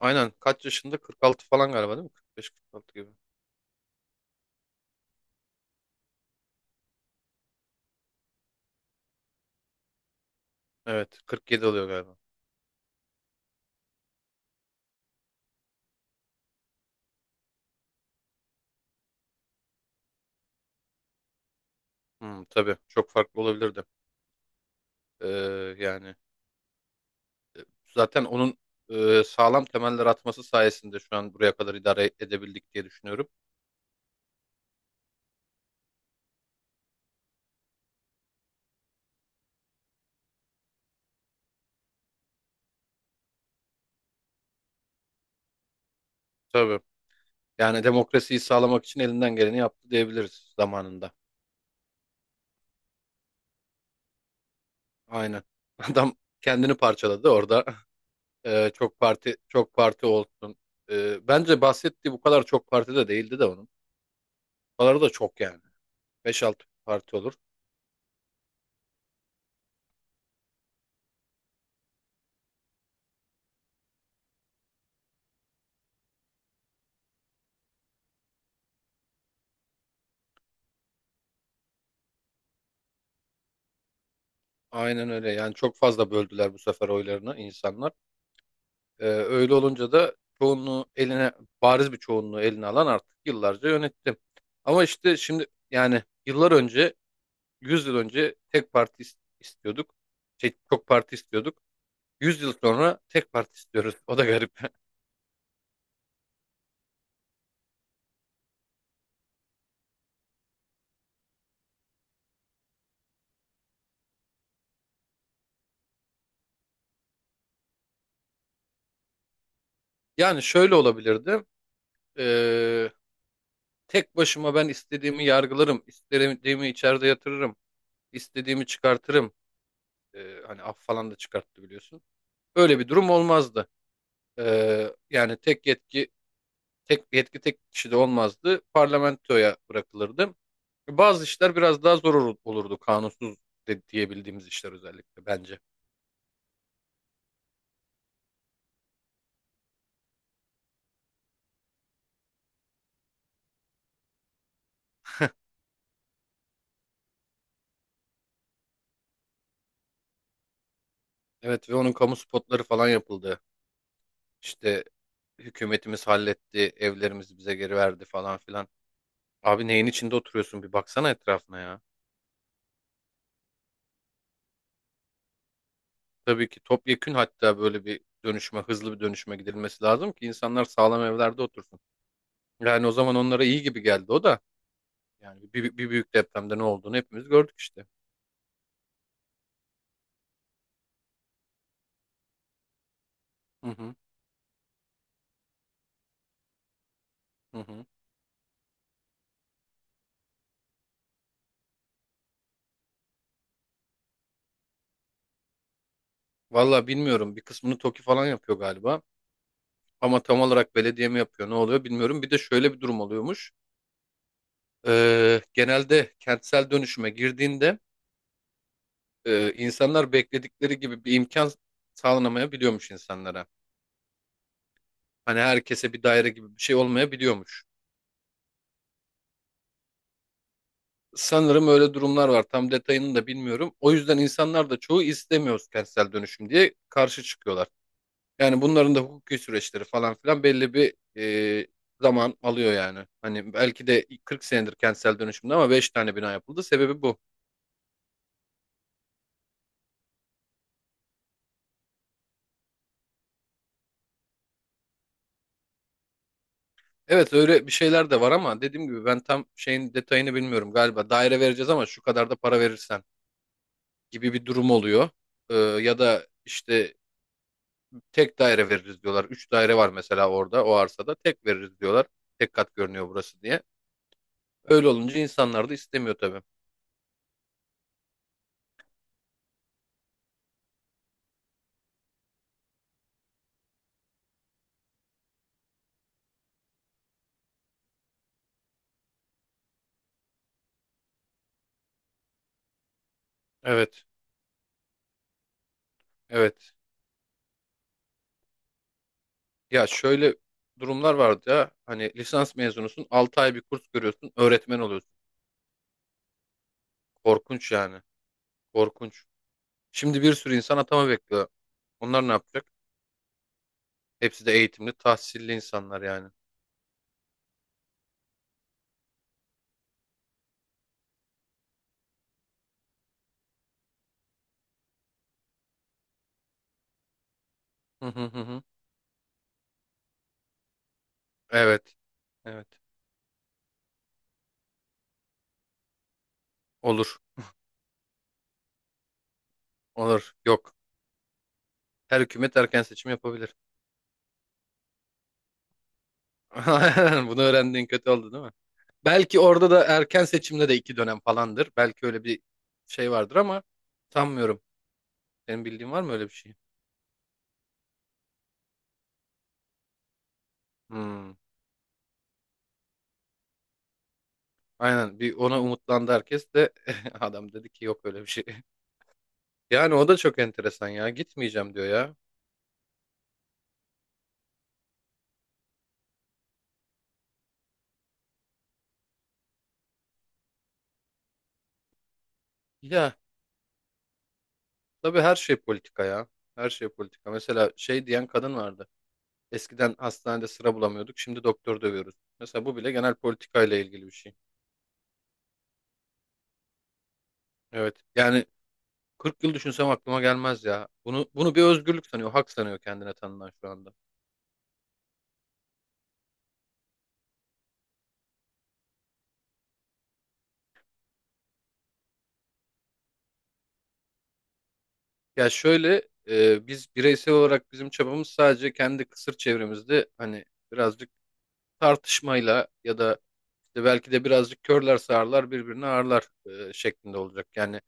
Aynen. Kaç yaşında? 46 falan galiba değil mi? 45-46 gibi. Evet. 47 oluyor galiba. Hmm, tabii. Çok farklı olabilirdi. Ee, yani zaten onun sağlam temeller atması sayesinde şu an buraya kadar idare edebildik diye düşünüyorum. Tabii. Yani demokrasiyi sağlamak için elinden geleni yaptı diyebiliriz zamanında. Aynen. Adam kendini parçaladı orada. Çok parti çok parti olsun. Bence bahsettiği bu kadar çok parti de değildi de onun. Bu kadar da çok yani. 5-6 parti olur. Aynen öyle. Yani çok fazla böldüler bu sefer oylarını insanlar. Öyle olunca da çoğunluğu eline, bariz bir çoğunluğu eline alan artık yıllarca yönetti. Ama işte şimdi yani yıllar önce, 100 yıl önce tek parti istiyorduk. Çok parti istiyorduk. 100 yıl sonra tek parti istiyoruz. O da garip. Yani şöyle olabilirdi. Ee, tek başıma ben istediğimi yargılarım, istediğimi içeride yatırırım, istediğimi çıkartırım. Hani af falan da çıkarttı biliyorsun. Öyle bir durum olmazdı. Yani tek yetki tek kişide olmazdı. Parlamentoya bırakılırdı. Bazı işler biraz daha zor olurdu kanunsuz de, diyebildiğimiz işler özellikle bence. Evet ve onun kamu spotları falan yapıldı. İşte hükümetimiz halletti, evlerimizi bize geri verdi falan filan. Abi neyin içinde oturuyorsun bir baksana etrafına ya. Tabii ki topyekün hatta böyle bir dönüşme, hızlı bir dönüşme gidilmesi lazım ki insanlar sağlam evlerde otursun. Yani o zaman onlara iyi gibi geldi o da. Yani bir büyük depremde ne olduğunu hepimiz gördük işte. Hı hı, hı hı. Valla bilmiyorum. Bir kısmını TOKİ falan yapıyor galiba. Ama tam olarak belediye mi yapıyor ne oluyor bilmiyorum. Bir de şöyle bir durum oluyormuş. Genelde kentsel dönüşüme girdiğinde insanlar bekledikleri gibi bir imkan sağlanamayabiliyormuş insanlara. Hani herkese bir daire gibi bir şey olmayabiliyormuş. Sanırım öyle durumlar var. Tam detayını da bilmiyorum. O yüzden insanlar da çoğu istemiyoruz kentsel dönüşüm diye karşı çıkıyorlar. Yani bunların da hukuki süreçleri falan filan belli bir e, zaman alıyor yani. Hani belki de 40 senedir kentsel dönüşümde ama 5 tane bina yapıldı. Sebebi bu. Evet öyle bir şeyler de var ama dediğim gibi ben tam şeyin detayını bilmiyorum. Galiba daire vereceğiz ama şu kadar da para verirsen gibi bir durum oluyor. Ya da işte tek daire veririz diyorlar. Üç daire var mesela orada o arsada. Tek veririz diyorlar. Tek kat görünüyor burası diye. Öyle olunca insanlar da istemiyor tabii. Evet. Evet. Ya şöyle durumlar vardı ya. Hani lisans mezunusun, 6 ay bir kurs görüyorsun, öğretmen oluyorsun. Korkunç yani. Korkunç. Şimdi bir sürü insan atama bekliyor. Onlar ne yapacak? Hepsi de eğitimli, tahsilli insanlar yani. Hı hı hı. Hı. Evet, evet. Olur, olur. Yok. Her hükümet erken seçim yapabilir. Aynen, bunu öğrendiğin kötü oldu değil mi? Belki orada da erken seçimde de iki dönem falandır. Belki öyle bir şey vardır ama sanmıyorum. Senin bildiğin var mı öyle bir şey? Hmm. Aynen bir ona umutlandı herkes de adam dedi ki yok öyle bir şey. Yani o da çok enteresan ya gitmeyeceğim diyor ya. Ya tabii her şey politika ya. Her şey politika. Mesela şey diyen kadın vardı. Eskiden hastanede sıra bulamıyorduk şimdi doktor dövüyoruz. Mesela bu bile genel politikayla ilgili bir şey. Evet yani 40 yıl düşünsem aklıma gelmez ya. Bunu bir özgürlük sanıyor, hak sanıyor kendine tanınan şu anda. Ya şöyle biz bireysel olarak bizim çabamız sadece kendi kısır çevremizde hani birazcık tartışmayla ya da işte belki de birazcık körler sağırlar birbirini ağırlar şeklinde olacak. Yani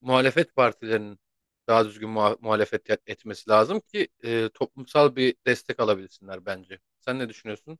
muhalefet partilerinin daha düzgün muhalefet etmesi lazım ki toplumsal bir destek alabilsinler bence. Sen ne düşünüyorsun?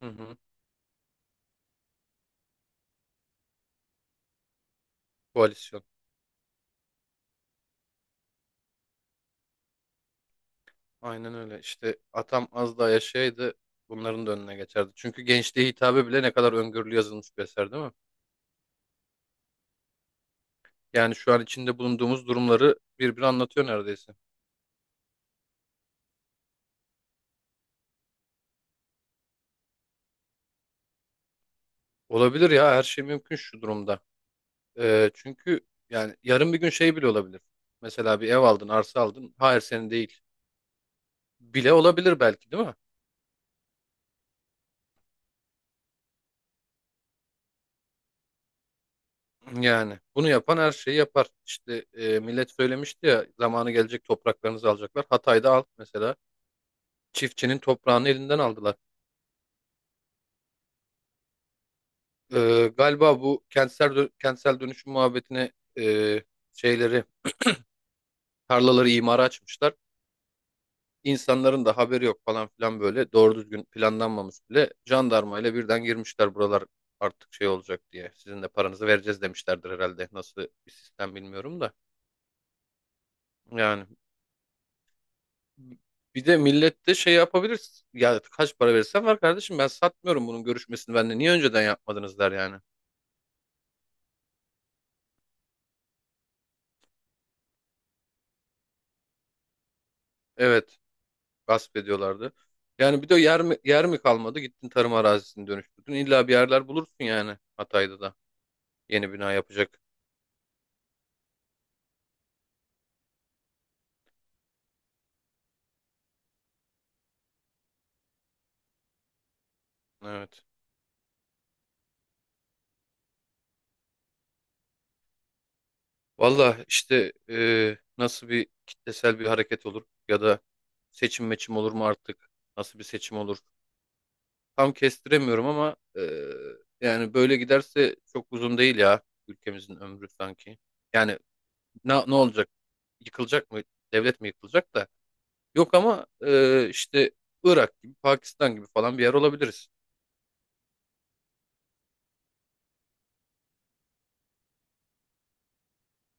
Hı hı. Koalisyon. Aynen öyle. İşte atam az daha yaşaydı bunların da önüne geçerdi. Çünkü gençliğe hitabe bile ne kadar öngörülü yazılmış bir eser değil mi? Yani şu an içinde bulunduğumuz durumları birbiri anlatıyor neredeyse. Olabilir ya her şey mümkün şu durumda. Çünkü yani yarın bir gün şey bile olabilir. Mesela bir ev aldın, arsa aldın. Hayır senin değil. Bile olabilir belki değil mi? Yani bunu yapan her şeyi yapar. İşte millet söylemişti ya zamanı gelecek topraklarınızı alacaklar. Hatay'da alt mesela çiftçinin toprağını elinden aldılar. Galiba bu kentsel kentsel dönüşüm muhabbetine e, şeyleri tarlaları imara açmışlar. İnsanların da haberi yok falan filan böyle doğru düzgün planlanmamış bile jandarmayla birden girmişler buralar artık şey olacak diye. Sizin de paranızı vereceğiz demişlerdir herhalde. Nasıl bir sistem bilmiyorum da. Yani bir de millet de şey yapabilir. Ya kaç para verirsen var kardeşim ben satmıyorum bunun görüşmesini bende. Niye önceden yapmadınız der yani. Evet gasp ediyorlardı. Yani bir de yer mi, yer mi kalmadı gittin tarım arazisini dönüştürdün. İlla bir yerler bulursun yani Hatay'da da yeni bina yapacak. Evet. Valla işte nasıl bir kitlesel bir hareket olur ya da seçim meçim olur mu artık? Nasıl bir seçim olur? Tam kestiremiyorum ama yani böyle giderse çok uzun değil ya ülkemizin ömrü sanki. Yani ne olacak? Yıkılacak mı? Devlet mi yıkılacak da? Yok ama işte Irak gibi, Pakistan gibi falan bir yer olabiliriz.